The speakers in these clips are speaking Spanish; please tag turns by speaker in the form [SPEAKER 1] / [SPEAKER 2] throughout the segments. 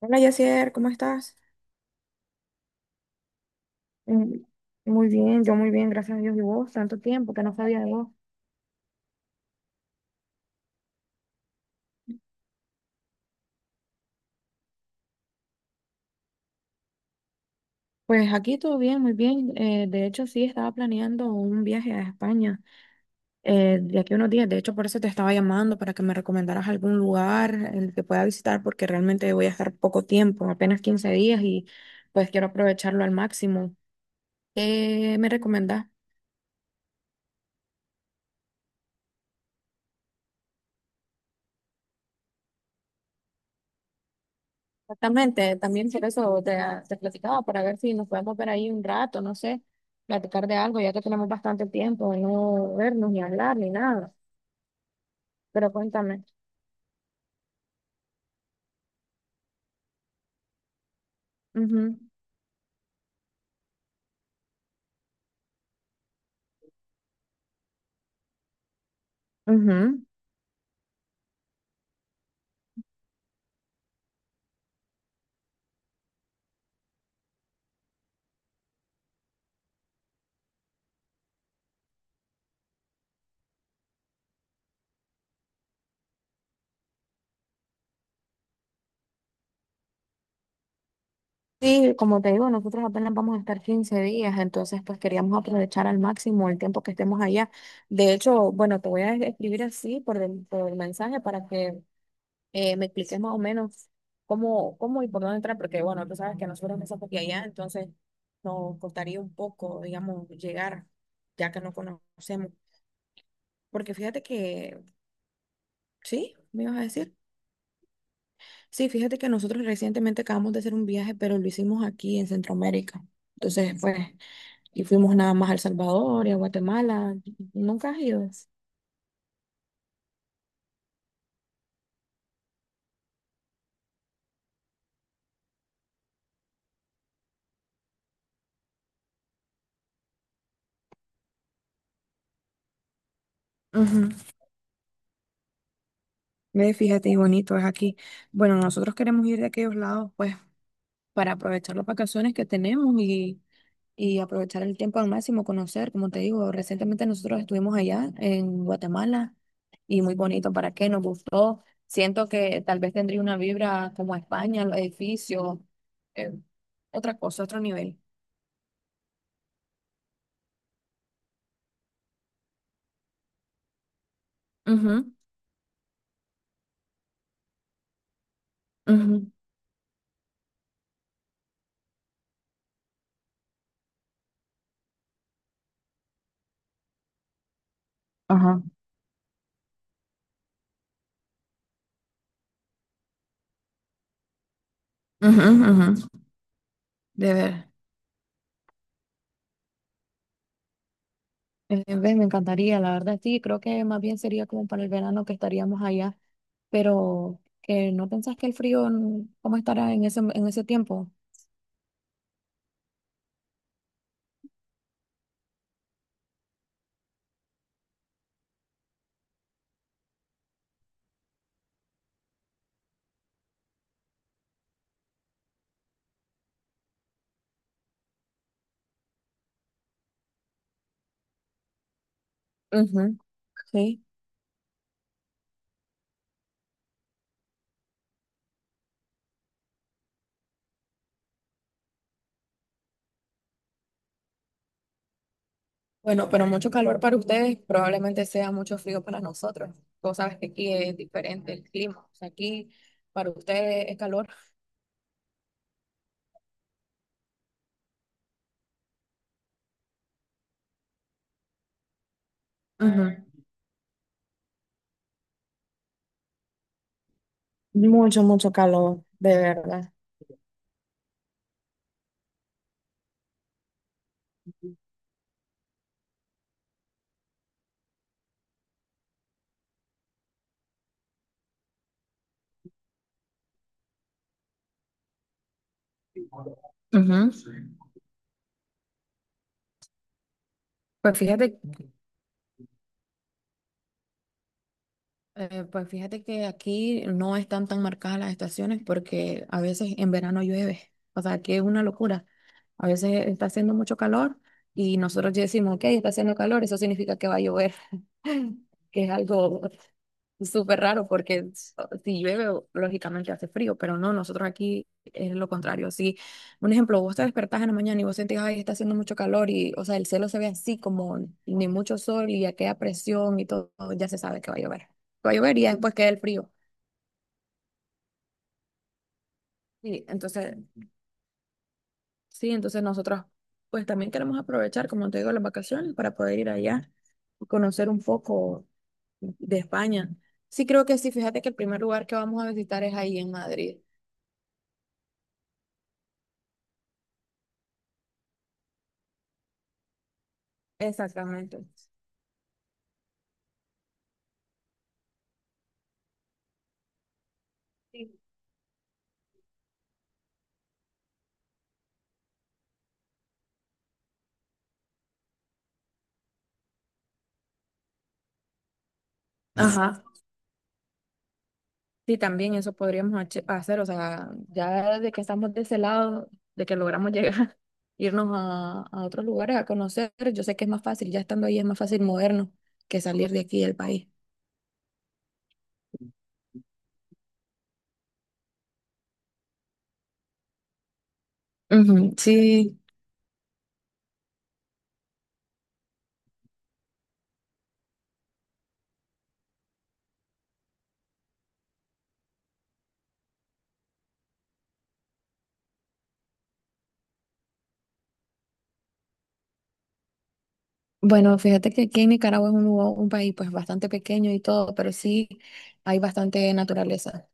[SPEAKER 1] Hola Yacier, ¿cómo estás? Mm, muy bien, yo muy bien, gracias a Dios. ¿Y vos? Tanto tiempo que no sabía de vos. Pues aquí todo bien, muy bien. De hecho, sí, estaba planeando un viaje a España de aquí a unos días. De hecho, por eso te estaba llamando para que me recomendaras algún lugar en el que pueda visitar porque realmente voy a estar poco tiempo, apenas 15 días y pues quiero aprovecharlo al máximo. ¿Qué me recomendás? Exactamente, también por te platicaba, para ver si nos podemos ver ahí un rato, no sé, platicar de algo, ya que tenemos bastante tiempo de no vernos ni hablar ni nada. Pero cuéntame. Ujú, ujú. Sí, como te digo, nosotros apenas vamos a estar 15 días, entonces pues queríamos aprovechar al máximo el tiempo que estemos allá. De hecho, bueno, te voy a escribir así por el mensaje para que me expliques más o menos cómo y por dónde entrar, porque bueno, tú sabes que nosotros empezamos aquí allá, entonces nos costaría un poco, digamos, llegar, ya que no conocemos. Porque fíjate que, sí, me ibas a decir. Sí, fíjate que nosotros recientemente acabamos de hacer un viaje, pero lo hicimos aquí en Centroamérica. Entonces, pues, y fuimos nada más a El Salvador y a Guatemala. ¿Nunca has ido? Ujú. Ve, fíjate, y bonito es aquí. Bueno, nosotros queremos ir de aquellos lados, pues, para aprovechar las vacaciones que tenemos y aprovechar el tiempo al máximo, conocer, como te digo, recientemente nosotros estuvimos allá en Guatemala y muy bonito, ¿para qué? Nos gustó. Siento que tal vez tendría una vibra como España, los edificios, eh, otra cosa, otro nivel. Ujú, ujú, ajá. Ujú, ujú. De ver. Ves, me encantaría, la verdad, sí, creo que más bien sería como para el verano que estaríamos allá, pero que no pensás que el frío, mm, ¿cómo estará en en ese tiempo? Ujú, sí. Bueno, pero mucho calor para ustedes, probablemente sea mucho frío para nosotros. Vos sabes que aquí es diferente el clima. O sea, aquí para ustedes es calor. Ujú, mucho, mucho calor, de verdad. Ujú. Pues fíjate que aquí no están tan marcadas las estaciones porque a veces en verano llueve. O sea, aquí es una locura. A veces está haciendo mucho calor y nosotros ya decimos, ok, está haciendo calor, eso significa que va a llover, que es algo súper raro porque si llueve, lógicamente hace frío, pero no, nosotros aquí es lo contrario. Si, un ejemplo, vos te despertás en la mañana y vos sentís, ay, está haciendo mucho calor y, o sea, el cielo se ve así como ni mucho sol y aquella presión y todo, ya se sabe que va a llover. Va a llover y ya después queda el frío. sí entonces, sí, entonces nosotros pues también queremos aprovechar, como te digo, las vacaciones para poder ir allá y conocer un poco de España. Sí, creo que sí, fíjate que el primer lugar que vamos a visitar es ahí en Madrid. Exactamente. Mm. Ajá. Sí, también eso podríamos hacer, o sea, ya de que estamos de ese lado, de que logramos llegar, irnos a otros lugares a conocer, yo sé que es más fácil, ya estando ahí es más fácil movernos que salir de aquí del país. Ujú, sí, bueno, fíjate que aquí en Nicaragua es un país pues bastante pequeño y todo, pero sí hay bastante naturaleza.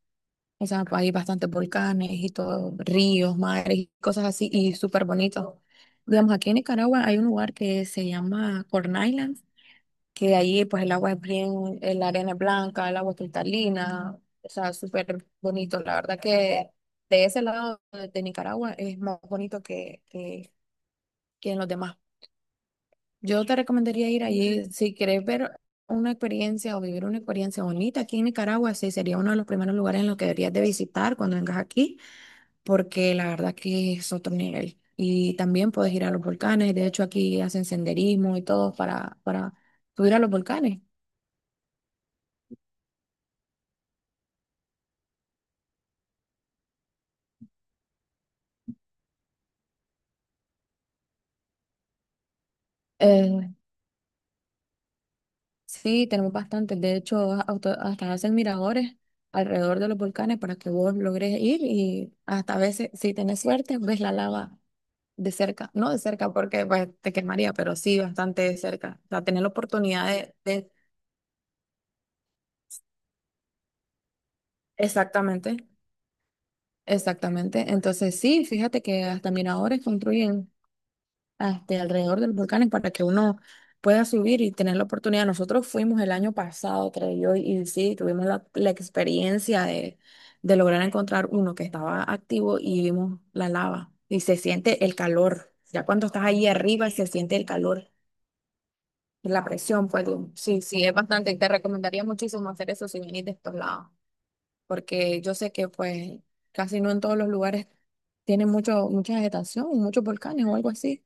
[SPEAKER 1] O sea, pues, hay bastantes volcanes y todo, ríos, mares, y cosas así, y súper bonito. Digamos, aquí en Nicaragua hay un lugar que se llama Corn Island, que de ahí pues el agua es bien, la arena es blanca, el agua es cristalina, o sea, súper bonito. La verdad que de ese lado de Nicaragua es más bonito que en los demás. Yo te recomendaría ir allí si quieres ver una experiencia o vivir una experiencia bonita aquí en Nicaragua, sí, sería uno de los primeros lugares en los que deberías de visitar cuando vengas aquí porque la verdad que es otro nivel. Y también puedes ir a los volcanes, de hecho aquí hacen senderismo y todo para subir a los volcanes. Eh, sí, tenemos bastantes, de hecho hasta hacen miradores alrededor de los volcanes para que vos logres ir y hasta a veces, si tenés suerte, ves la lava de cerca, no de cerca porque pues, te quemaría, pero sí bastante de cerca, o sea, tener la oportunidad de- Exactamente, exactamente. Entonces sí, fíjate que hasta miradores construyen. Este, alrededor de los volcanes para que uno pueda subir y tener la oportunidad. Nosotros fuimos el año pasado, creo yo, y sí, tuvimos la experiencia de lograr encontrar uno que estaba activo y vimos la lava y se siente el calor. Ya cuando estás ahí arriba se siente el calor, la presión, pues sí, sí, es bastante. Te recomendaría muchísimo hacer eso si venís de estos lados, porque yo sé que pues casi no en todos los lugares tienen mucho, mucha vegetación, muchos volcanes o algo así.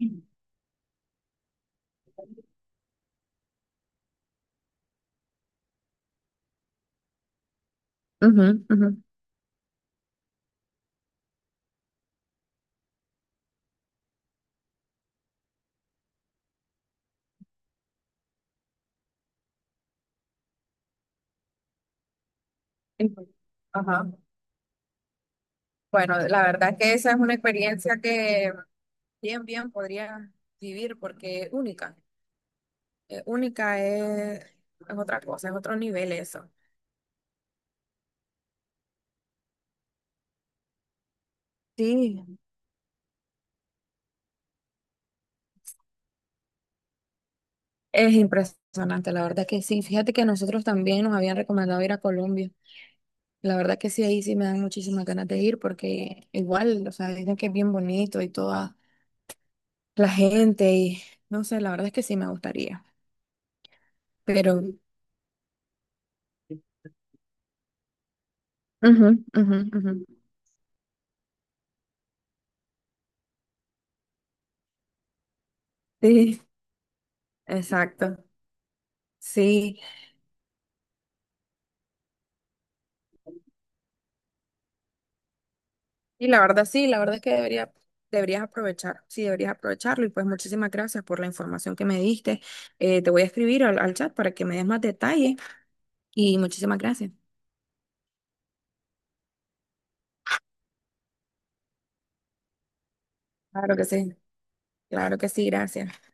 [SPEAKER 1] Ujú. Ujú, ujú. Entiendo. Ajá. Bueno, la verdad que esa es una experiencia que bien, bien podría vivir porque es única. Única es otra cosa, es otro nivel eso. Sí, es impresionante, la verdad que sí. Fíjate que nosotros también nos habían recomendado ir a Colombia. La verdad que sí, ahí sí me dan muchísimas ganas de ir porque igual, o sea, dicen que es bien bonito y toda la gente y no sé, la verdad es que sí me gustaría. Pero... Ujú, ujú, ujú. Sí. Exacto. Sí. Y la verdad, sí, la verdad es que deberías aprovechar, sí, deberías aprovecharlo. Y pues muchísimas gracias por la información que me diste. Te voy a escribir al chat para que me des más detalles. Y muchísimas gracias. Claro que sí, claro que sí, gracias.